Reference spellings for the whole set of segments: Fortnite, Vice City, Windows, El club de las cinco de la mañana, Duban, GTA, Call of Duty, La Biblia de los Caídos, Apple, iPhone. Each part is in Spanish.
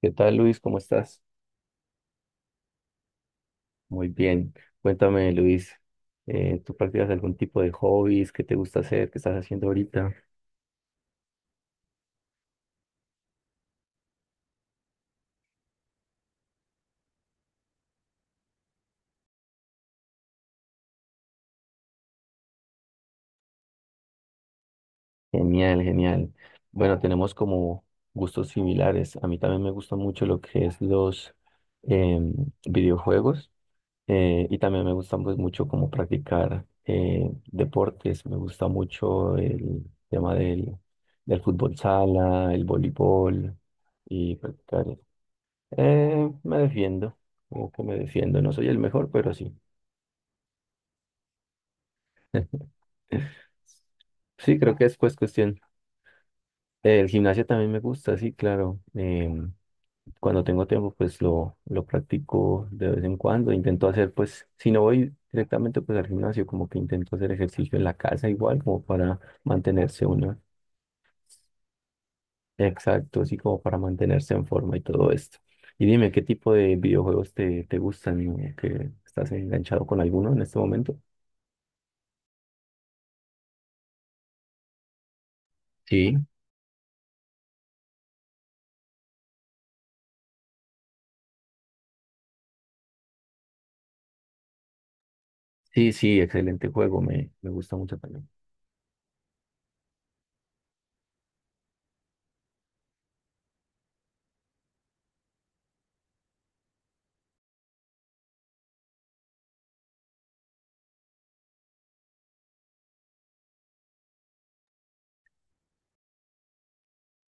¿Qué tal, Luis? ¿Cómo estás? Muy bien. Cuéntame, Luis, ¿tú practicas algún tipo de hobbies? ¿Qué te gusta hacer? ¿Qué estás haciendo ahorita? Genial, genial. Bueno, tenemos como gustos similares. A mí también me gusta mucho lo que es los em, videojuegos y también me gusta, pues, mucho como practicar deportes. Me gusta mucho el tema del fútbol sala, el voleibol y practicar. Me defiendo, como que me defiendo, no soy el mejor, pero sí. Sí, creo que es pues cuestión. El gimnasio también me gusta, sí, claro. Cuando tengo tiempo, pues lo practico de vez en cuando. Intento hacer, pues, si no voy directamente pues al gimnasio, como que intento hacer ejercicio en la casa igual, como para mantenerse uno. Exacto, así como para mantenerse en forma y todo esto. Y dime, ¿qué tipo de videojuegos te gustan o que estás enganchado con alguno en este momento? Sí, sí, sí, excelente juego, me gusta mucho también.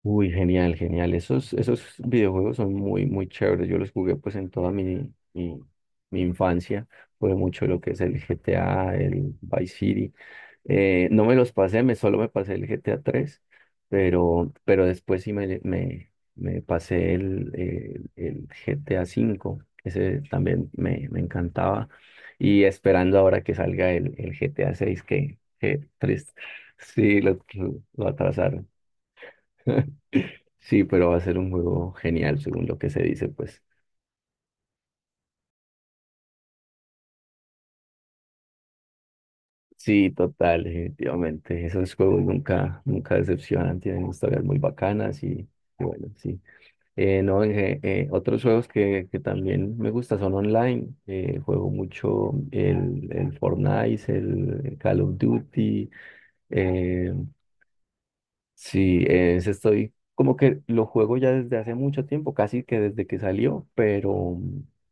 Uy, genial, genial. Esos, esos videojuegos son muy, muy chéveres. Yo los jugué pues en toda mi, mi infancia. Jugué mucho lo que es el GTA, el Vice City. No me los pasé, me solo me pasé el GTA 3, pero después sí me pasé el GTA 5, ese también me encantaba. Y esperando ahora que salga el GTA 6, que triste. Sí, lo atrasaron. Sí, pero va a ser un juego genial, según lo que se dice, pues. Sí, total, definitivamente. Esos juegos nunca, nunca decepcionan, tienen historias muy bacanas y bueno, sí. No, otros juegos que también me gusta son online. Juego mucho el Fortnite, el Call of Duty. eh, Sí, ese estoy como que lo juego ya desde hace mucho tiempo, casi que desde que salió,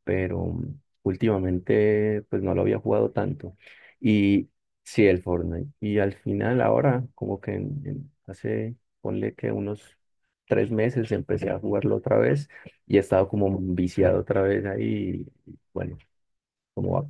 pero últimamente pues no lo había jugado tanto. Y sí, el Fortnite. Y al final ahora, como que hace, ponle que unos 3 meses, empecé a jugarlo otra vez y he estado como viciado otra vez ahí. Y bueno, como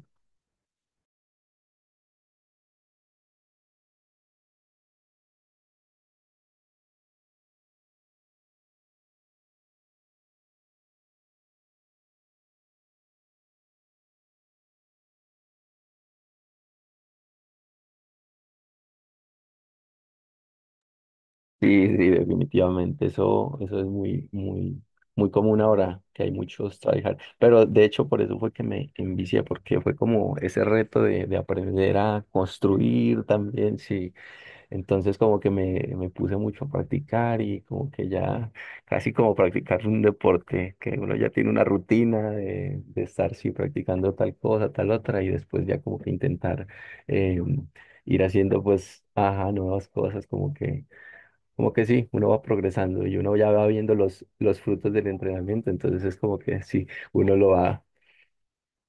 sí, sí, definitivamente. Eso es muy, muy, muy común ahora, que hay muchos tryhard. Pero de hecho, por eso fue que me envicié, porque fue como ese reto de aprender a construir también, sí. Entonces, como que me puse mucho a practicar y como que ya, casi como practicar un deporte, que uno ya tiene una rutina de estar, sí, practicando tal cosa, tal otra, y después ya como que intentar eh, ir haciendo, pues, ajá, nuevas cosas, como que, como que sí, uno va progresando y uno ya va viendo los frutos del entrenamiento, entonces es como que sí, uno lo va.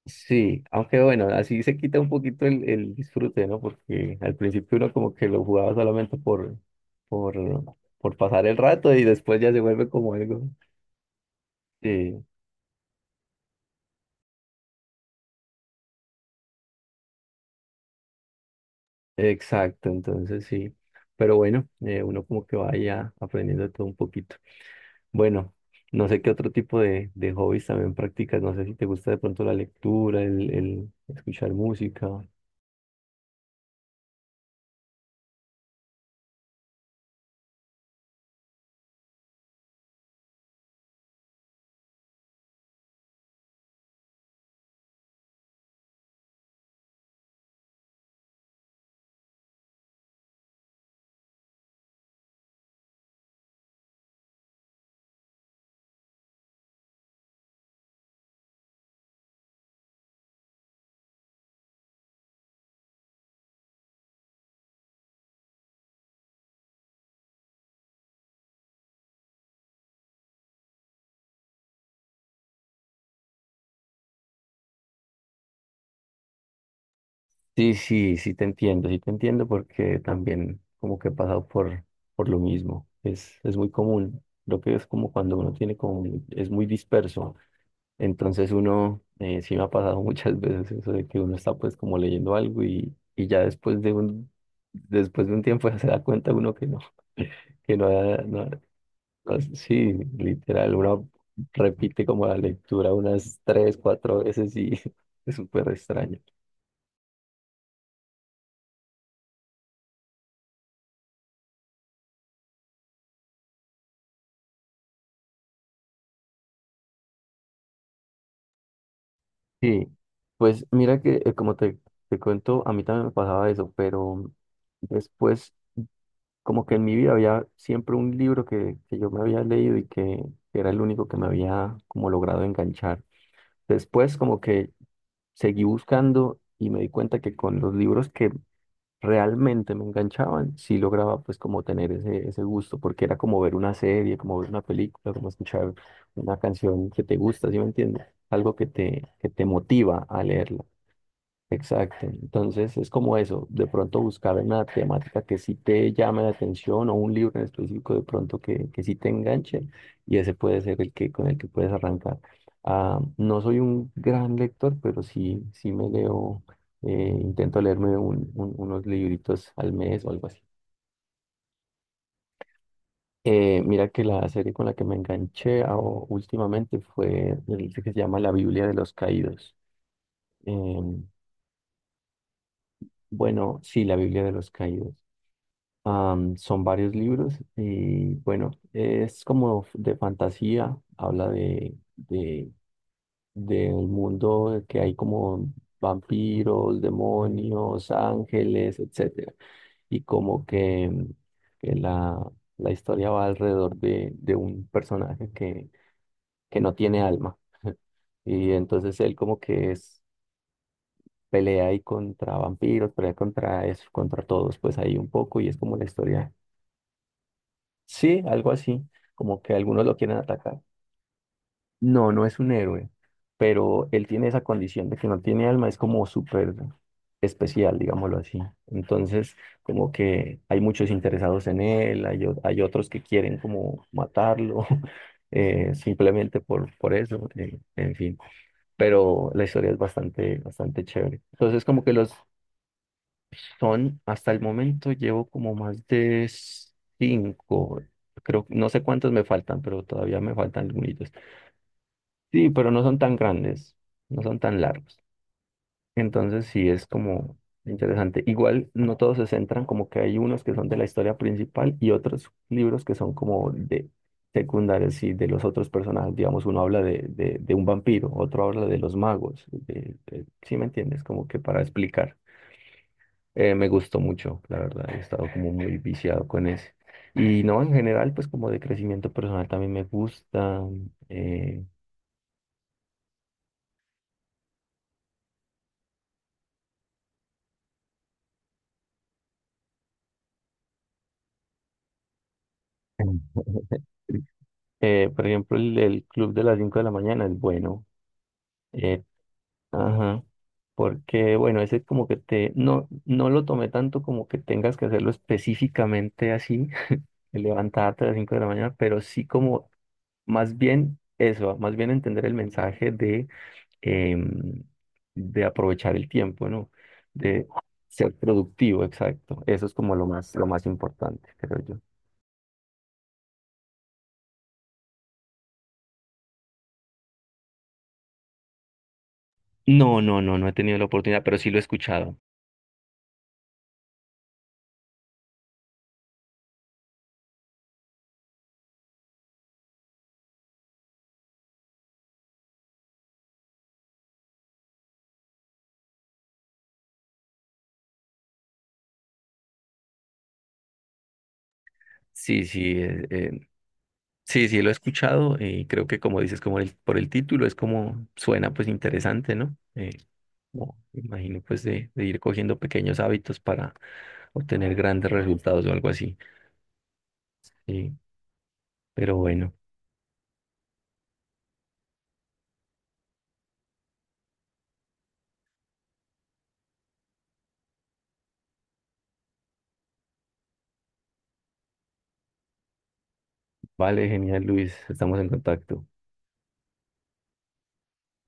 Sí, aunque bueno, así se quita un poquito el disfrute, ¿no? Porque al principio uno como que lo jugaba solamente por, por pasar el rato y después ya se vuelve como algo. Sí, exacto, entonces sí. Pero bueno, uno como que va ya aprendiendo todo un poquito. Bueno, no sé qué otro tipo de hobbies también practicas. No sé si te gusta de pronto la lectura, el escuchar música. Sí, sí, sí te entiendo porque también como que he pasado por lo mismo. Es muy común. Creo que es como cuando uno tiene como, es muy disperso. Entonces uno, sí me ha pasado muchas veces eso de que uno está pues como leyendo algo y ya después de después de un tiempo ya se da cuenta uno que no, que no, ha- no, ah, sí, literal, uno repite como la lectura unas 3, 4 veces y es súper extraño. Sí, pues mira que como te cuento, a mí también me pasaba eso, pero después como que en mi vida había siempre un libro que yo me había leído y que era el único que me había como logrado enganchar. Después como que seguí buscando y me di cuenta que con los libros que realmente me enganchaban, sí lograba pues como tener ese, ese gusto, porque era como ver una serie, como ver una película, como escuchar una canción que te gusta, ¿sí me entiendes? Algo que te motiva a leerla. Exacto. Entonces es como eso, de pronto buscar una temática que sí te llame la atención o un libro en específico de pronto que sí te enganche, y ese puede ser el que con el que puedes arrancar. Ah, no soy un gran lector, pero sí, sí me leo, intento leerme unos libritos al mes o algo así. Mira que la serie con la que me enganché últimamente fue el que se llama La Biblia de los Caídos. Em, bueno, sí, La Biblia de los Caídos. Am, son varios libros y bueno, es como de fantasía, habla del mundo que hay como vampiros, demonios, ángeles, etcétera. Y como que, mm, que la historia va alrededor de un personaje que no tiene alma. Y entonces él como que es, pelea ahí contra vampiros, pelea contra eso, contra todos, pues ahí un poco y es como la historia. Sí, algo así, como que algunos lo quieren atacar. No, no es un héroe, pero él tiene esa condición de que no tiene alma, es como súper especial, digámoslo así. Entonces, como que hay muchos interesados en él, hay, hay otros que quieren como matarlo, simplemente por eso, en fin. Pero la historia es bastante, bastante chévere. Entonces, como que los, son, hasta el momento llevo como más de cinco. Creo, no sé cuántos me faltan, pero todavía me faltan algunos. Sí, pero no son tan grandes, no son tan largos. Entonces sí es como interesante. Igual no todos se centran, como que hay unos que son de la historia principal y otros libros que son como de secundarios y de los otros personajes. Digamos, uno habla de un vampiro, otro habla de los magos. ¿Sí me entiendes? Como que para explicar. Me gustó mucho, la verdad, he estado como muy viciado con ese. Y no, en general, pues como de crecimiento personal también me gusta. eh, por ejemplo, el club de las 5 de la mañana es bueno. eh, ajá. Porque, bueno, ese es como que te, no, no lo tomé tanto como que tengas que hacerlo específicamente así, de levantarte a las 5 de la mañana, pero sí como más bien eso, más bien entender el mensaje de em, de aprovechar el tiempo, ¿no? De ser productivo, exacto. Eso es como lo más importante, creo yo. No, no, no, no he tenido la oportunidad, pero sí lo he escuchado. Sí, sí, sí, sí lo he escuchado y creo que como dices, como por el título, es como suena pues interesante, ¿no? Como, me imagino pues de ir cogiendo pequeños hábitos para obtener grandes resultados o algo así. Sí, pero bueno, vale, genial, Luis, estamos en contacto.